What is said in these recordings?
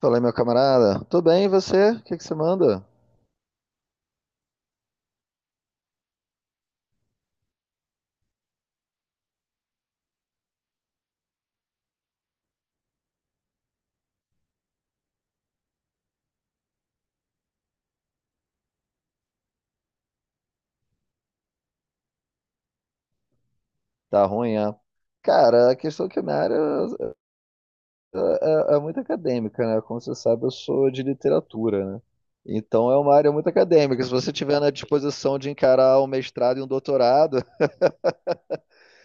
Falei, meu camarada, tudo bem, e você? O que que você manda? Tá ruim, é? Cara, a questão é que minha área é muito acadêmica, né? Como você sabe, eu sou de literatura, né? Então é uma área muito acadêmica. Se você tiver na disposição de encarar um mestrado e um doutorado,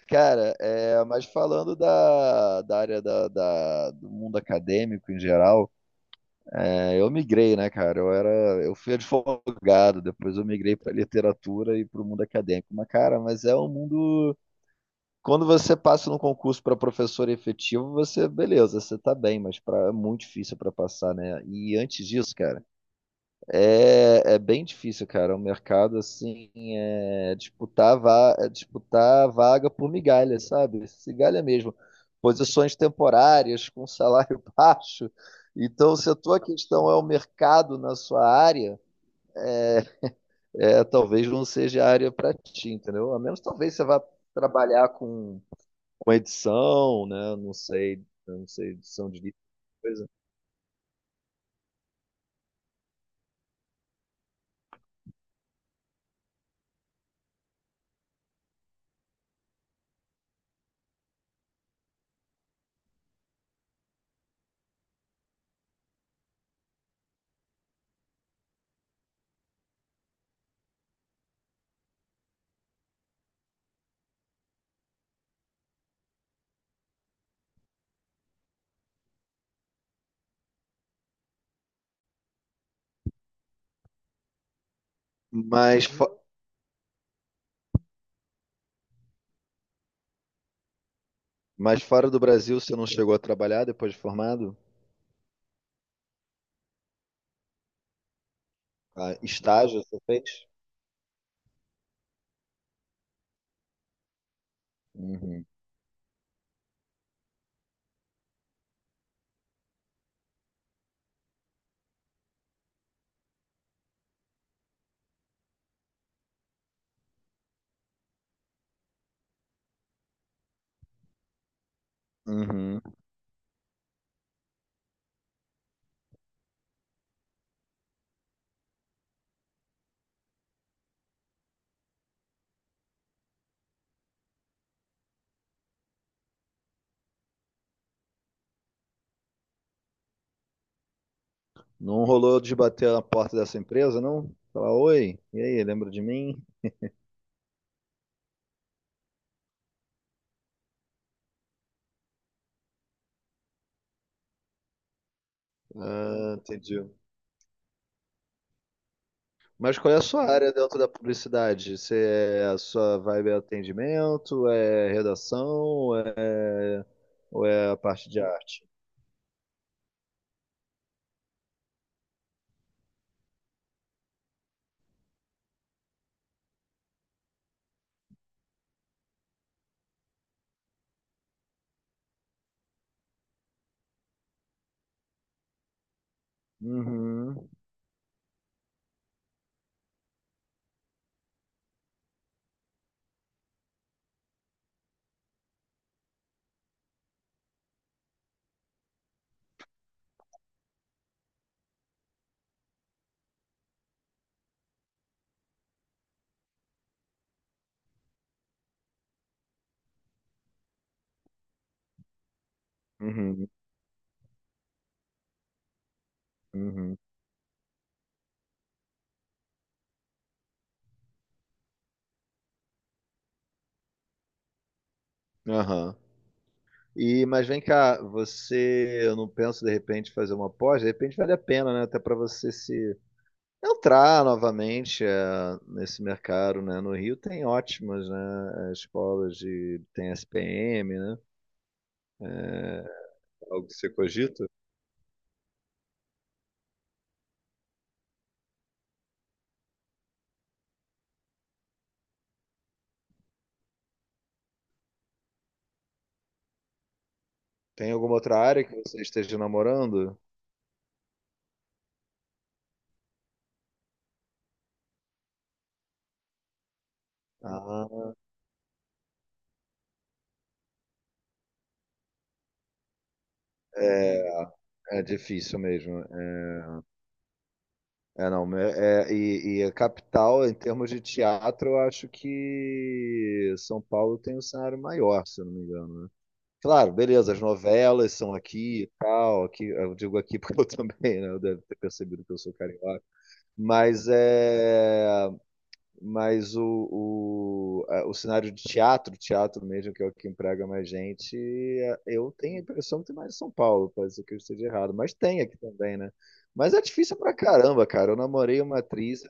cara, mas falando da área da do mundo acadêmico em geral, eu migrei, né, cara? Eu fui advogado, depois eu migrei para literatura e para o mundo acadêmico. Mas, cara, mas é um mundo. Quando você passa no concurso para professor efetivo, você, beleza, você tá bem, mas pra, é muito difícil para passar, né? E antes disso, cara, é bem difícil, cara. O mercado, assim, é disputar, va é disputar vaga por migalha, sabe? Migalha mesmo. Posições temporárias, com salário baixo. Então, se a tua questão é o mercado na sua área, é, é, talvez não seja a área para ti, entendeu? A menos talvez você vá trabalhar com edição, né? Não sei, eu não sei edição de livro, coisa. Mas, fo- mas fora do Brasil, você não chegou a trabalhar depois de formado? Ah, estágio você fez? Uhum. Uhum. Não rolou de bater na porta dessa empresa, não? Falar, oi, e aí, lembra de mim? Ah, entendi. Mas qual é a sua área dentro da publicidade? A sua vibe é atendimento, é redação, ou é a parte de arte? Uhum, uhum, uhum. Aham. E, mas vem cá, você, eu não penso de repente fazer uma pós, de repente vale a pena, né? Até para você se entrar novamente nesse mercado, né? No Rio tem ótimas, né? Escolas de tem SPM, né? Algo que você cogita? Tem alguma outra área que você esteja namorando? Ah, é, é difícil mesmo. Não, e a capital, em termos de teatro, eu acho que São Paulo tem um cenário maior, se eu não me engano. Claro, beleza, as novelas são aqui e tal, aqui, eu digo aqui porque eu também, né, eu deve ter percebido que eu sou carioca, mas é, mas o cenário de teatro, teatro mesmo, que é o que emprega mais gente, é, eu tenho a impressão que tem mais em São Paulo, pode ser que eu esteja errado, mas tem aqui também, né? Mas é difícil pra caramba, cara, eu namorei uma atriz,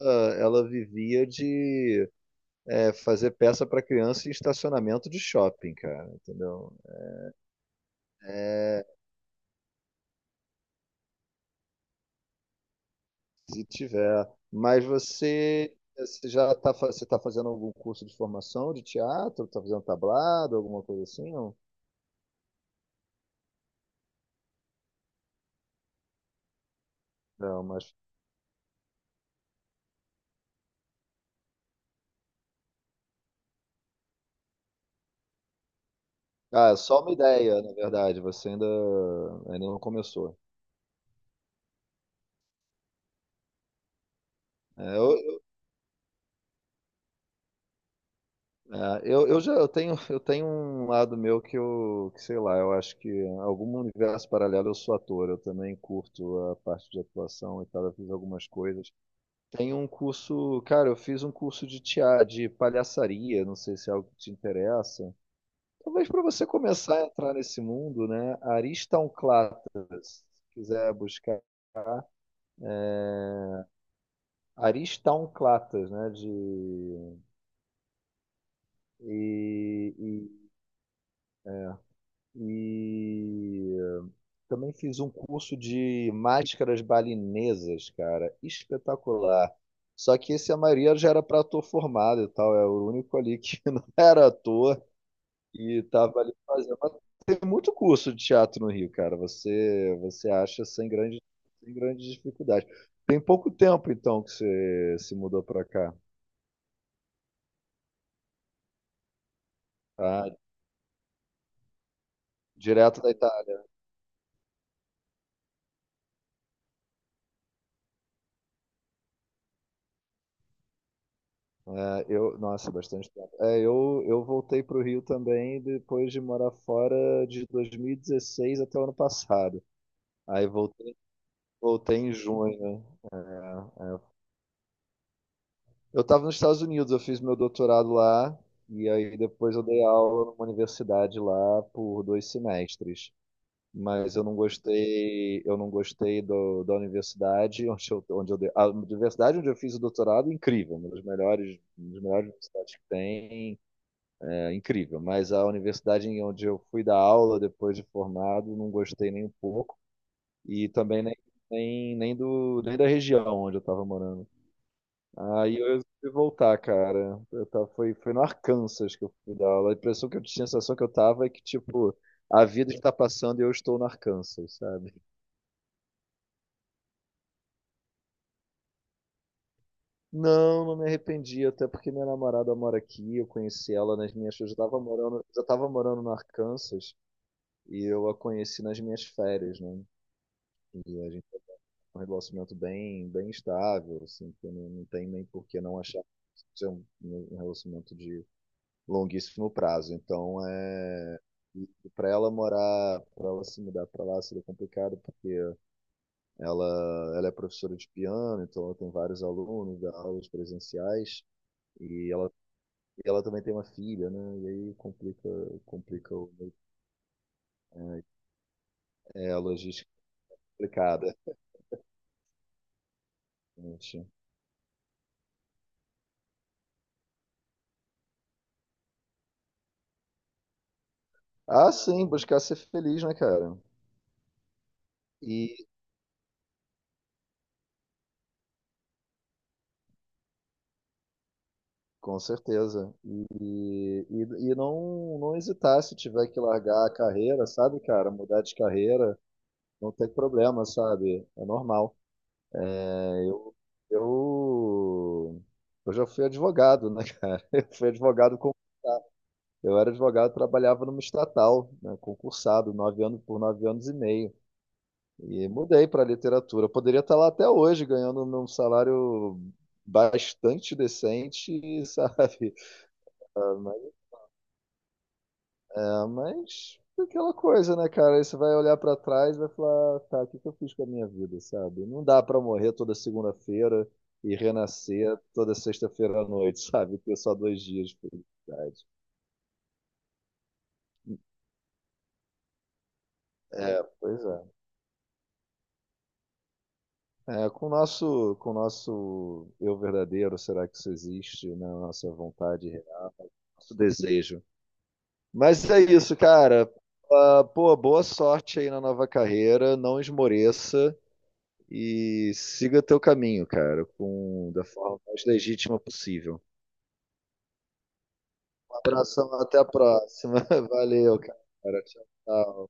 ela vivia de fazer peça pra criança em estacionamento de shopping, cara, entendeu? É, se tiver. Mas você, você já está você tá fazendo algum curso de formação de teatro? Está fazendo tablado, alguma coisa assim? Não, não mas. Ah, é só uma ideia, na verdade. Ainda não começou. É, eu, eu, eu já eu tenho um lado meu que eu, que sei lá, eu acho que em algum universo paralelo eu sou ator. Eu também curto a parte de atuação e tal. Eu fiz algumas coisas. Tem um curso, cara, eu fiz um curso de tia, de palhaçaria, não sei se é algo que te interessa. Talvez para você começar a entrar nesse mundo, né? Aristonclatas, se quiser buscar. Aristonclatas, né? E, e também fiz um curso de máscaras balinesas, cara, espetacular. Só que esse a maioria já era para ator formado e tal, é o único ali que não era ator. E tava ali fazendo. Mas tem muito curso de teatro no Rio, cara. Você, você acha sem grande, Sem grande dificuldade. Tem pouco tempo, então, que você se mudou pra cá. Ah, direto da Itália. Nossa, bastante tempo. Eu voltei para o Rio também depois de morar fora de 2016 até o ano passado. Aí voltei, Voltei em junho, né? É, Eu estava nos Estados Unidos, eu fiz meu doutorado lá, e aí depois eu dei aula numa universidade lá por dois semestres. Mas eu não gostei do, da universidade onde eu dei, a universidade onde eu fiz o doutorado, é incrível, uma das melhores universidades que tem, é incrível. Mas a universidade em onde eu fui dar aula depois de formado, não gostei nem um pouco, e também nem do, nem da região onde eu estava morando. Aí eu resolvi voltar, cara. Eu tava, foi no Arkansas que eu fui dar aula. A impressão que eu tinha, a sensação que eu tava é que, tipo, a vida está passando e eu estou no Arkansas, sabe? Não, não me arrependi, até porque minha namorada mora aqui, eu conheci ela nas minhas. Eu já tava morando, Já tava morando no Arkansas e eu a conheci nas minhas férias, né? E a gente tem um relacionamento bem, bem estável, assim, que não, não tem nem por que não achar que seja um relacionamento de longuíssimo prazo. Então, é para ela morar, para ela se mudar para lá seria complicado porque ela ela é professora de piano, então ela tem vários alunos, dá aulas presenciais. E ela, e ela também tem uma filha, né? E aí complica o- é, a logística é complicada. Gente. Ah, sim, buscar ser feliz, né, cara? E com certeza. E não, não hesitar se tiver que largar a carreira, sabe, cara? Mudar de carreira, não tem problema, sabe? É normal. É, eu, eu, eu já fui advogado, né? Eu fui advogado com, eu era advogado, trabalhava numa estatal, né? Concursado, 9 anos por 9 anos e meio. E mudei para literatura. Eu poderia estar lá até hoje, ganhando um salário bastante decente, sabe? Ah, mas aquela coisa, né, cara? Aí você vai olhar pra trás e vai falar, tá, o que que eu fiz com a minha vida, sabe? Não dá pra morrer toda segunda-feira e renascer toda sexta-feira à noite, sabe? Ter só dois dias de felicidade. É, pois é. É, com o nosso eu verdadeiro, será que isso existe, né? Nossa vontade real, nosso desejo. Mas é isso, cara. Ah, pô, boa sorte aí na nova carreira. Não esmoreça. E siga teu caminho, cara, com da forma mais legítima possível. Um abração, até a próxima. Valeu, cara. Tchau, tchau.